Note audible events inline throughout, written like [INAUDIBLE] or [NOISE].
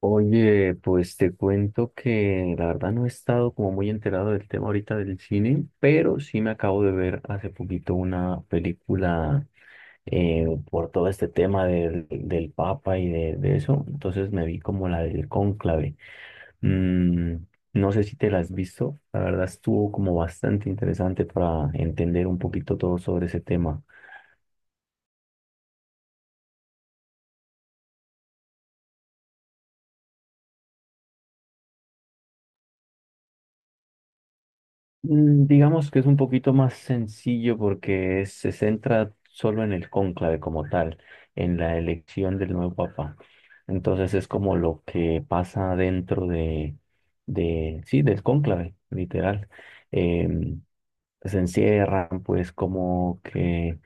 Oye, pues te cuento que la verdad no he estado como muy enterado del tema ahorita del cine, pero sí me acabo de ver hace poquito una película por todo este tema del Papa y de eso. Entonces me vi como la del Cónclave. Mm, no sé si te la has visto, la verdad estuvo como bastante interesante para entender un poquito todo sobre ese tema. Mm, digamos que es un poquito más sencillo porque se centra solo en el cónclave como tal, en la elección del nuevo papa. Entonces es como lo que pasa dentro de sí, del cónclave, literal. Em, Se encierran, pues, como que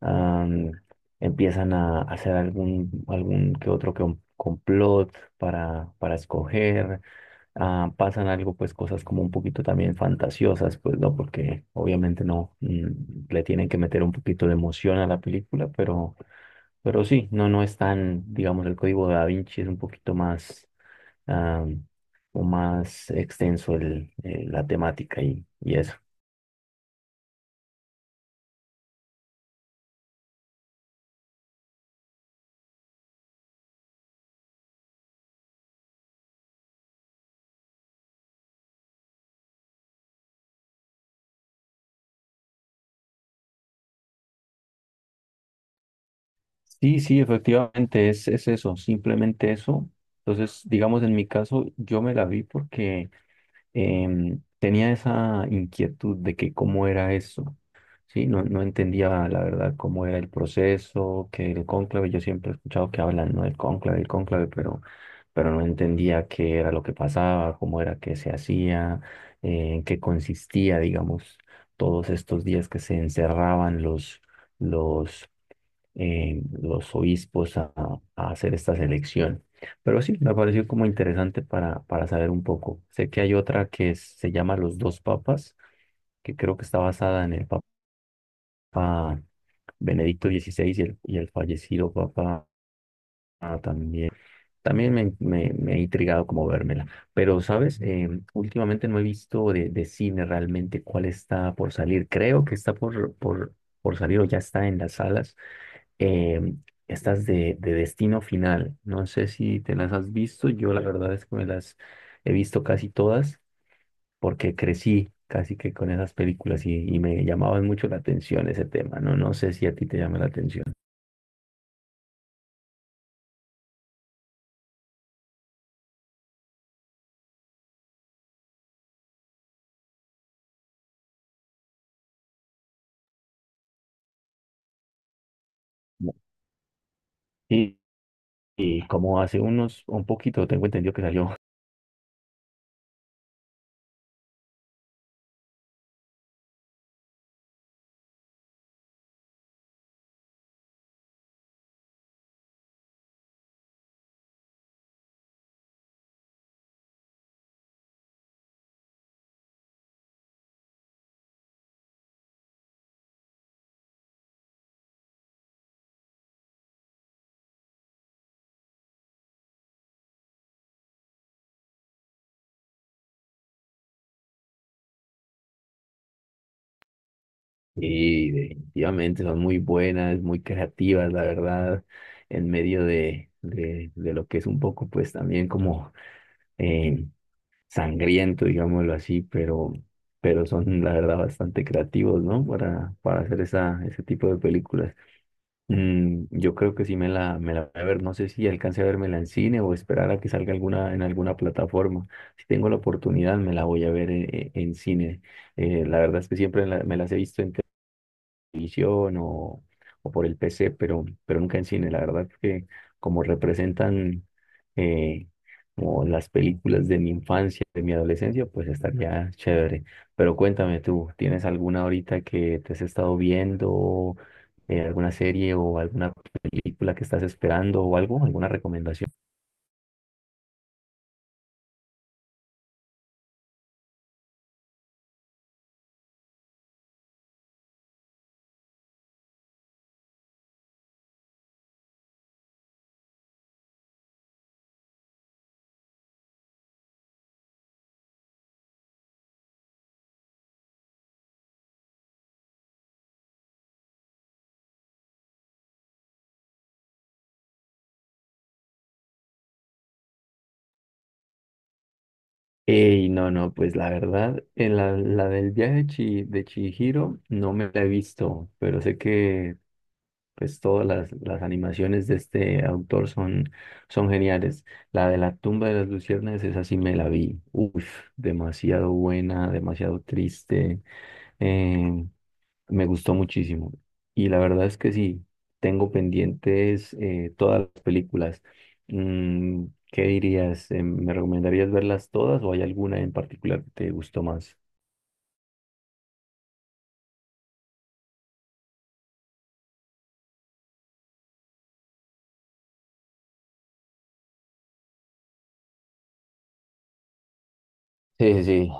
am, empiezan a hacer algún que otro complot para escoger. Pasan algo, pues, cosas como un poquito también fantasiosas, pues no, porque obviamente no, le tienen que meter un poquito de emoción a la película, pero sí. No, no es tan, digamos, el código de Da Vinci es un poquito más, ah, o más extenso el, la temática y eso. Sí, sí, efectivamente, es eso, simplemente eso. Entonces, digamos, en mi caso, yo me la vi porque tenía esa inquietud de que cómo era eso, ¿sí? No, no entendía la verdad cómo era el proceso, que el cónclave. Yo siempre he escuchado que hablan, ¿no?, del cónclave, el cónclave, pero no entendía qué era lo que pasaba, cómo era que se hacía, en qué consistía, digamos, todos estos días que se encerraban los los obispos a hacer esta selección. Pero sí, me pareció como interesante para saber un poco. Sé que hay otra que se llama Los Dos Papas, que creo que está basada en el Papa Benedicto XVI y el fallecido Papa, también. También me he intrigado como vérmela. Pero, ¿sabes? Últimamente no he visto de cine realmente cuál está por salir. Creo que está por salir o ya está en las salas, em, estas de Destino Final. No sé si te las has visto, yo la verdad es que me las he visto casi todas porque crecí casi que con esas películas y me llamaban mucho la atención ese tema, ¿no? No sé si a ti te llama la atención. No. Y, y como hace unos, un poquito, tengo entendido que salió. [LAUGHS] Y definitivamente son muy buenas, muy creativas, la verdad, en medio de lo que es un poco, pues, también como... eh, sangriento, digámoslo así, pero son la verdad bastante creativos, ¿no? Para hacer esa, ese tipo de películas. Mm, yo creo que sí me la voy a ver, no sé si alcance a vérmela en cine o esperar a que salga alguna, en alguna plataforma. Si tengo la oportunidad, me la voy a ver en, en cine. La verdad es que siempre me las he visto en televisión o por el PC, pero nunca en cine. La verdad que como representan eh, como las películas de mi infancia, de mi adolescencia, pues estaría chévere. Pero cuéntame tú, ¿tienes alguna ahorita que te has estado viendo, alguna serie o alguna película que estás esperando o algo, alguna recomendación? Ey, no, no, pues la verdad, la, la del viaje de, de Chihiro no me la he visto, pero sé que pues todas las animaciones de este autor son, son geniales. La de la tumba de las luciernas, esa sí me la vi. Uf, demasiado buena, demasiado triste. eh, Me gustó muchísimo. Y la verdad es que sí, tengo pendientes todas las películas. Mm, ¿qué dirías? ¿Me recomendarías verlas todas o hay alguna en particular que te gustó más? Sí, sí, sí.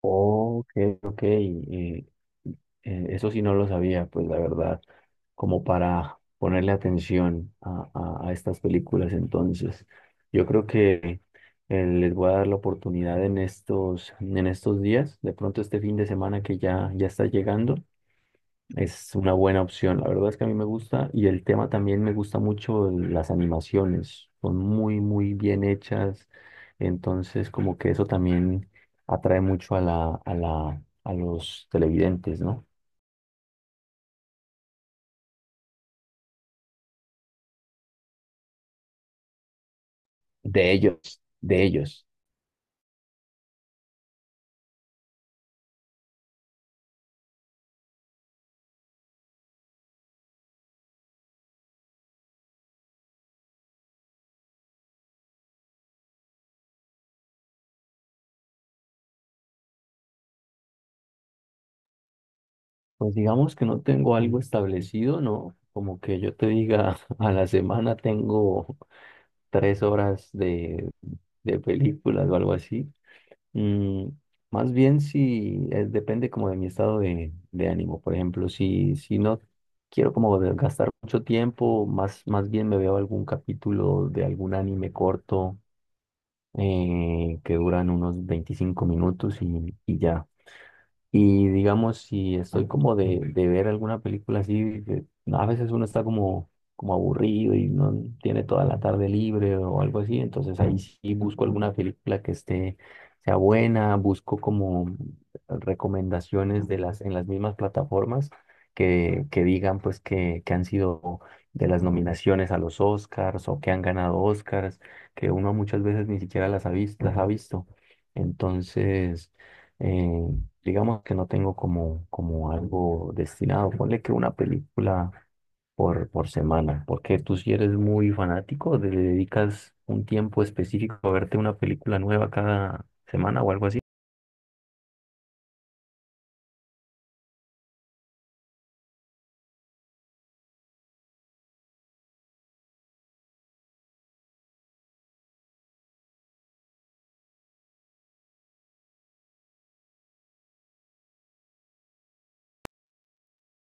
Ok, ok. Eso sí no lo sabía, pues la verdad, como para ponerle atención a, a estas películas. Entonces, yo creo que les voy a dar la oportunidad en estos días, de pronto este fin de semana que ya, ya está llegando, es una buena opción. La verdad es que a mí me gusta y el tema también, me gusta mucho las animaciones, son muy, muy bien hechas. Entonces, como que eso también atrae mucho a la, a la, a los televidentes, ¿no? De ellos, de ellos. Pues digamos que no tengo algo establecido, no, como que yo te diga, [LAUGHS] a la semana tengo 3 horas de películas o algo así. Mm, más bien si depende como de mi estado de ánimo. Por ejemplo, si, si no quiero como gastar mucho tiempo, más, más bien me veo algún capítulo de algún anime corto que duran unos 25 minutos y ya. Y digamos, si estoy como de ver alguna película así, que a veces uno está como, como aburrido y no tiene toda la tarde libre o algo así, entonces ahí sí busco alguna película que esté, sea buena, busco como recomendaciones de las, en las mismas plataformas que digan pues que han sido de las nominaciones a los Oscars o que han ganado Oscars, que uno muchas veces ni siquiera las ha visto, las ha visto. Entonces... Eh, digamos que no tengo como, como algo destinado. Ponle que una película por semana. Porque tú si eres muy fanático, ¿te dedicas un tiempo específico a verte una película nueva cada semana o algo así?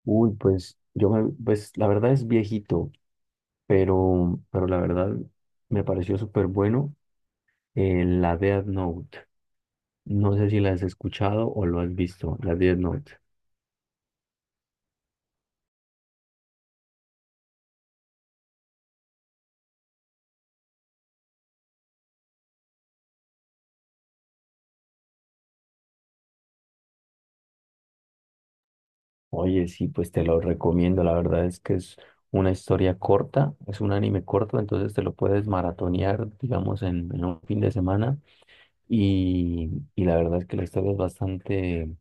Uy, pues yo me, pues la verdad es viejito, pero la verdad me pareció súper bueno la Death Note. No sé si la has escuchado o lo has visto, la Death Note. Oye, sí, pues te lo recomiendo. La verdad es que es una historia corta, es un anime corto, entonces te lo puedes maratonear, digamos, en un fin de semana. Y, y la verdad es que la historia es bastante,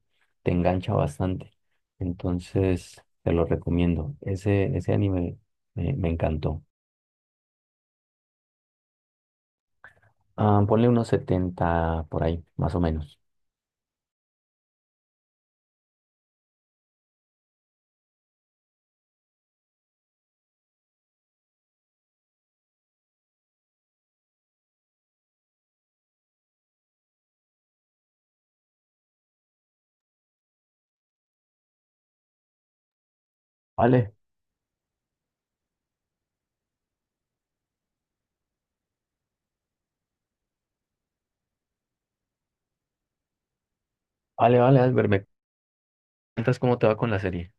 te engancha bastante. Entonces, te lo recomiendo. Ese anime me, me encantó. Ah, ponle unos 70 por ahí, más o menos. Vale, vale, vale, Albert, ¿me cuentas cómo te va con la serie?